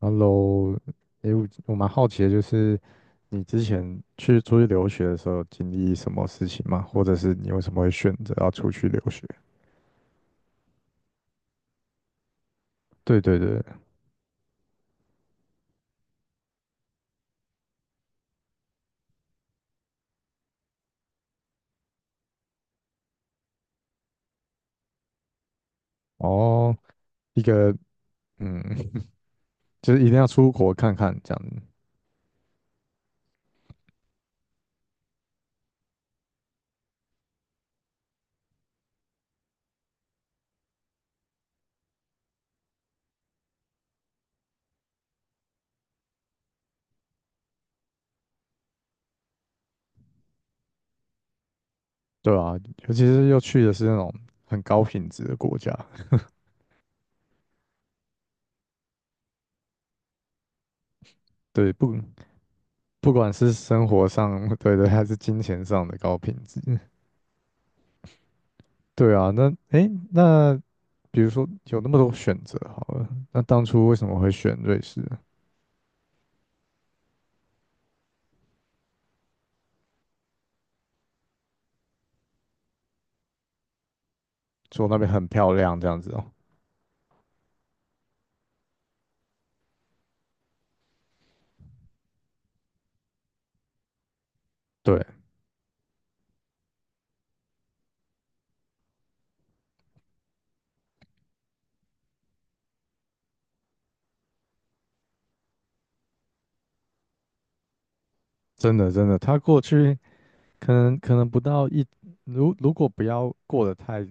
Hello，诶，我蛮好奇的，就是你之前去出去留学的时候，经历什么事情吗？或者是你为什么会选择要出去留学？对对对，哦，一个嗯，就是一定要出国看看这样子，对啊，尤其是又去的是那种很高品质的国家，对，不管是生活上，对对，还是金钱上的高品质，对啊，那诶，那比如说有那么多选择好了，那当初为什么会选瑞士啊？说那边很漂亮这样子哦。对，真的真的，他过去可能不到一，如果不要过得太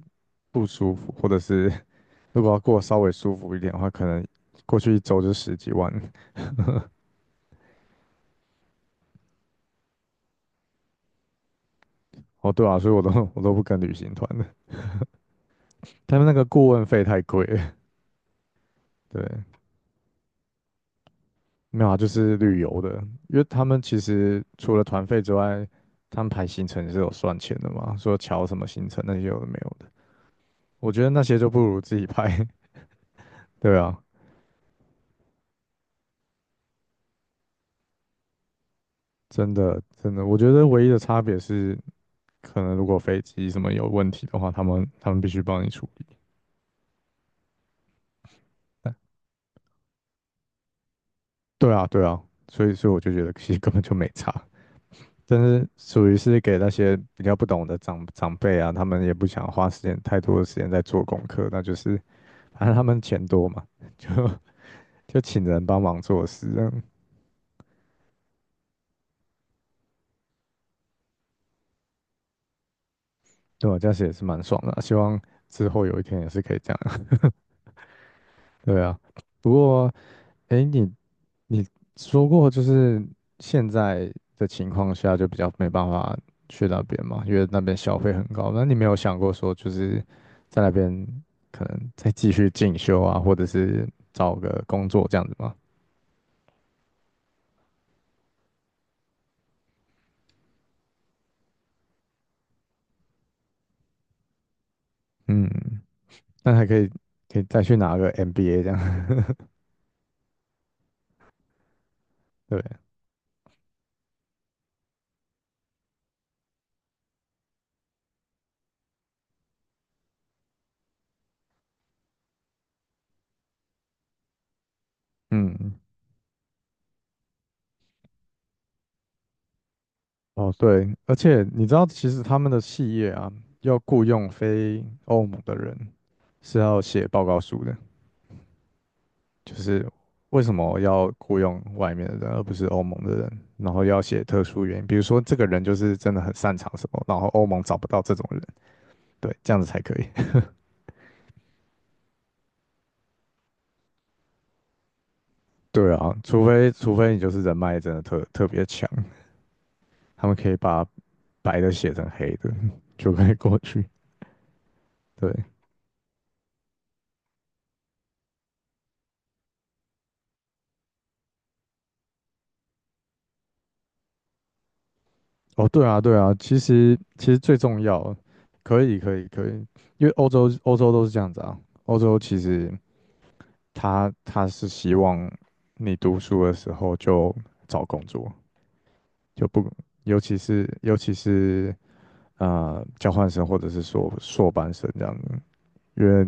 不舒服，或者是 如果要过得稍微舒服一点的话，可能过去一周就十几万。哦，对啊，所以我都不跟旅行团的，他们那个顾问费太贵了 对，没有啊，就是旅游的，因为他们其实除了团费之外，他们排行程是有算钱的嘛，说瞧什么行程那些有的没有的，我觉得那些就不如自己排。对啊，真的，真的，我觉得唯一的差别是，可能如果飞机什么有问题的话，他们必须帮你处理。对啊，对啊，所以我就觉得其实根本就没差，但是属于是给那些比较不懂的长辈啊，他们也不想花时间太多的时间在做功课，那就是反正他们钱多嘛，就 就请人帮忙做事，这样对啊，这样子也是蛮爽的啊希望之后有一天也是可以这样。对啊，不过。哎，你说过，就是现在的情况下就比较没办法去那边嘛，因为那边消费很高。那你没有想过说，就是在那边可能再继续进修啊，或者是找个工作这样子吗？嗯，那还可以再去拿个 MBA 这样。对，嗯，哦对，而且你知道，其实他们的企业啊，要雇佣非欧盟的人是要写报告书的。就是为什么要雇佣外面的人，而不是欧盟的人？然后要写特殊原因，比如说这个人就是真的很擅长什么，然后欧盟找不到这种人，对，这样子才可以。对啊，除非你就是人脉真的特别强，他们可以把白的写成黑的，就可以过去。对，哦，对啊，对啊，其实最重要，可以可以可以，因为欧洲都是这样子啊，欧洲其实他是希望你读书的时候就找工作，就不，尤其是交换生或者是说硕班生这样子，因为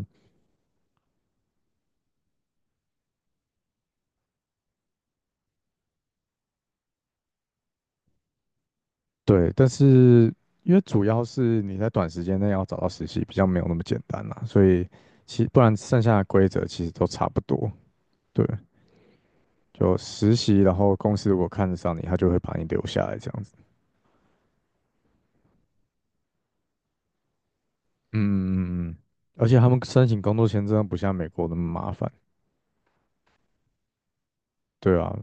对，但是因为主要是你在短时间内要找到实习比较没有那么简单嘛，所以其不然剩下的规则其实都差不多，对，就实习，然后公司如果看得上你，他就会把你留下来这样子，嗯嗯嗯嗯，而且他们申请工作签证不像美国那么麻烦。对啊，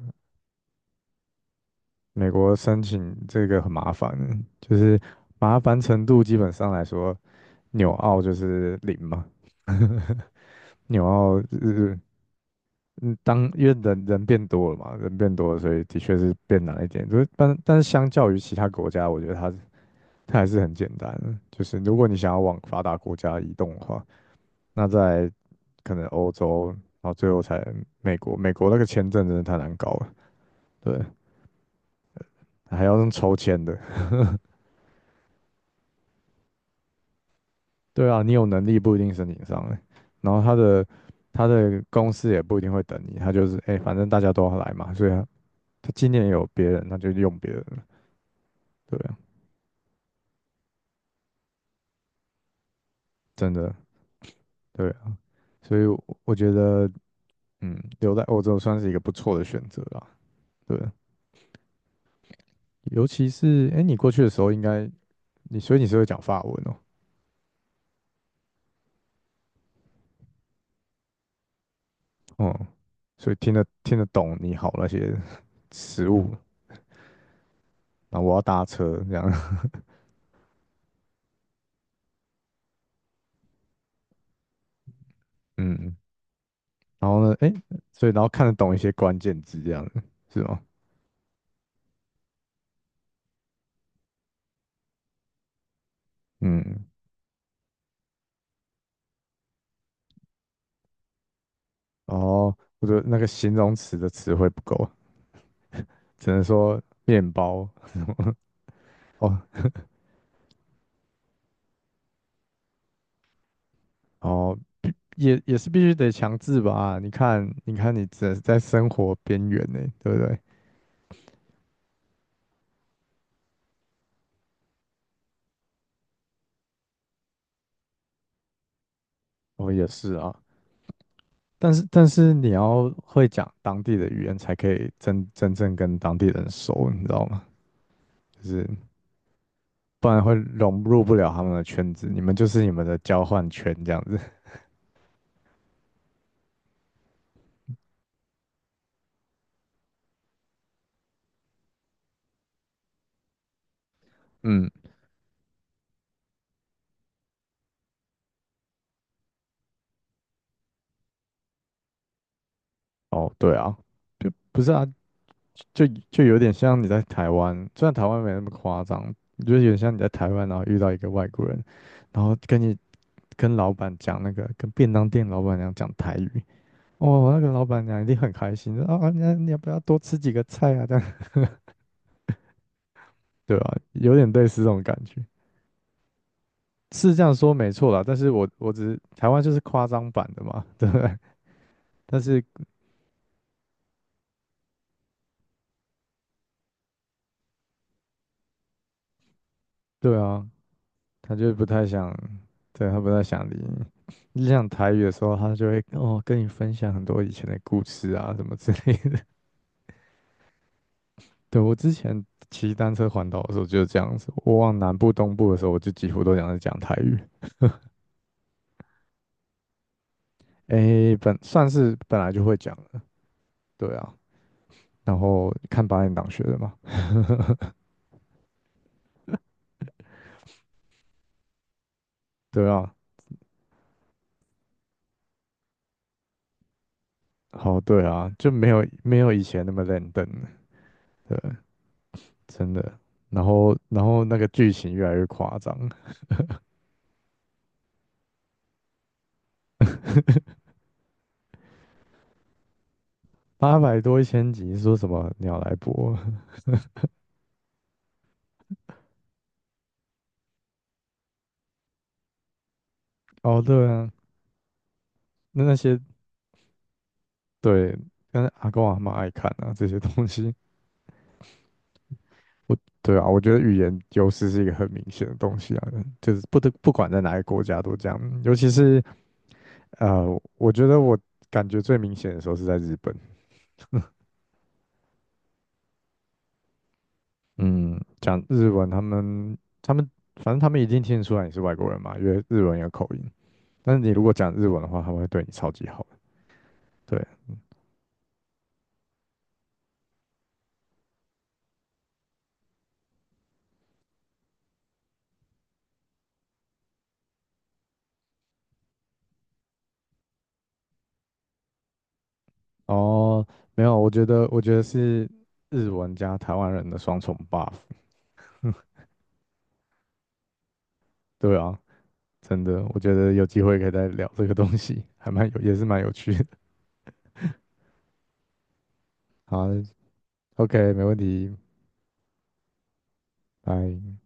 美国申请这个很麻烦的，就是麻烦程度基本上来说，纽澳就是零嘛。纽澳呃，嗯，当因为人变多了嘛，人变多了，所以的确是变难一点。就是但是相较于其他国家，我觉得它还是很简单的。就是如果你想要往发达国家移动的话，那在可能欧洲，然后最后才美国。美国那个签证真的太难搞了，对，还要用抽签的。对啊，你有能力不一定申请上欸，然后他的公司也不一定会等你，他就是哎、欸反正大家都要来嘛，所以他他今年有别人，那就用别人了，对啊，真的对啊，所以我觉得嗯，留在欧洲算是一个不错的选择啦，对啊，尤其是哎、欸你过去的时候应该你所以你是会讲法文哦，哦、所以听得懂你好那些 食物，然后我要搭车这样，嗯，然后呢，哎，所以然后看得懂一些关键字这样的，是吗？嗯，哦，我觉得那个形容词的词汇不够，只能说面包。哦哦，也是必须得强制吧？你看，你看，你只在生活边缘呢，对不对？哦，也是啊，但是你要会讲当地的语言，才可以真正跟当地人熟，你知道吗？就是不然会融入不了他们的圈子，你们就是你们的交换圈这样子。嗯哦，对啊，就不是啊，就有点像你在台湾，虽然台湾没那么夸张，就是有点像你在台湾，然后遇到一个外国人，然后跟你跟老板讲那个，跟便当店老板娘讲台语，哦，那个老板娘一定很开心，说啊，那你要不要多吃几个菜啊？这样，对啊，有点类似这种感觉，是这样说没错啦，但是我只是台湾就是夸张版的嘛，对不对？但是对啊，他就不太想，对，他不太想理你。你讲台语的时候，他就会哦跟你分享很多以前的故事啊，什么之类的。对，我之前骑单车环岛的时候就是这样子，我往南部、东部的时候，我就几乎都讲是讲台语。诶，本算是本来就会讲了对啊。然后看八点党学的嘛，对啊。好，对啊，就没有以前那么认真了，对，真的。然后那个剧情越来越夸张，八百多一千集，说什么鸟来播？哦，对啊，那些对，但是阿公阿嬷爱看啊，这些东西，我对啊，我觉得语言优势是一个很明显的东西啊，就是不管在哪个国家都这样，尤其是呃，我觉得我感觉最明显的时候是在日本，嗯，讲日文，他们反正他们一定听得出来你是外国人嘛，因为日文有口音，但是你如果讲日文的话，他们会对你超级好的对，哦，没有，我觉得是日文加台湾人的双重 buff 对啊，真的，我觉得有机会可以再聊这个东西，还蛮有，也是蛮有趣的。好，OK，没问题，拜。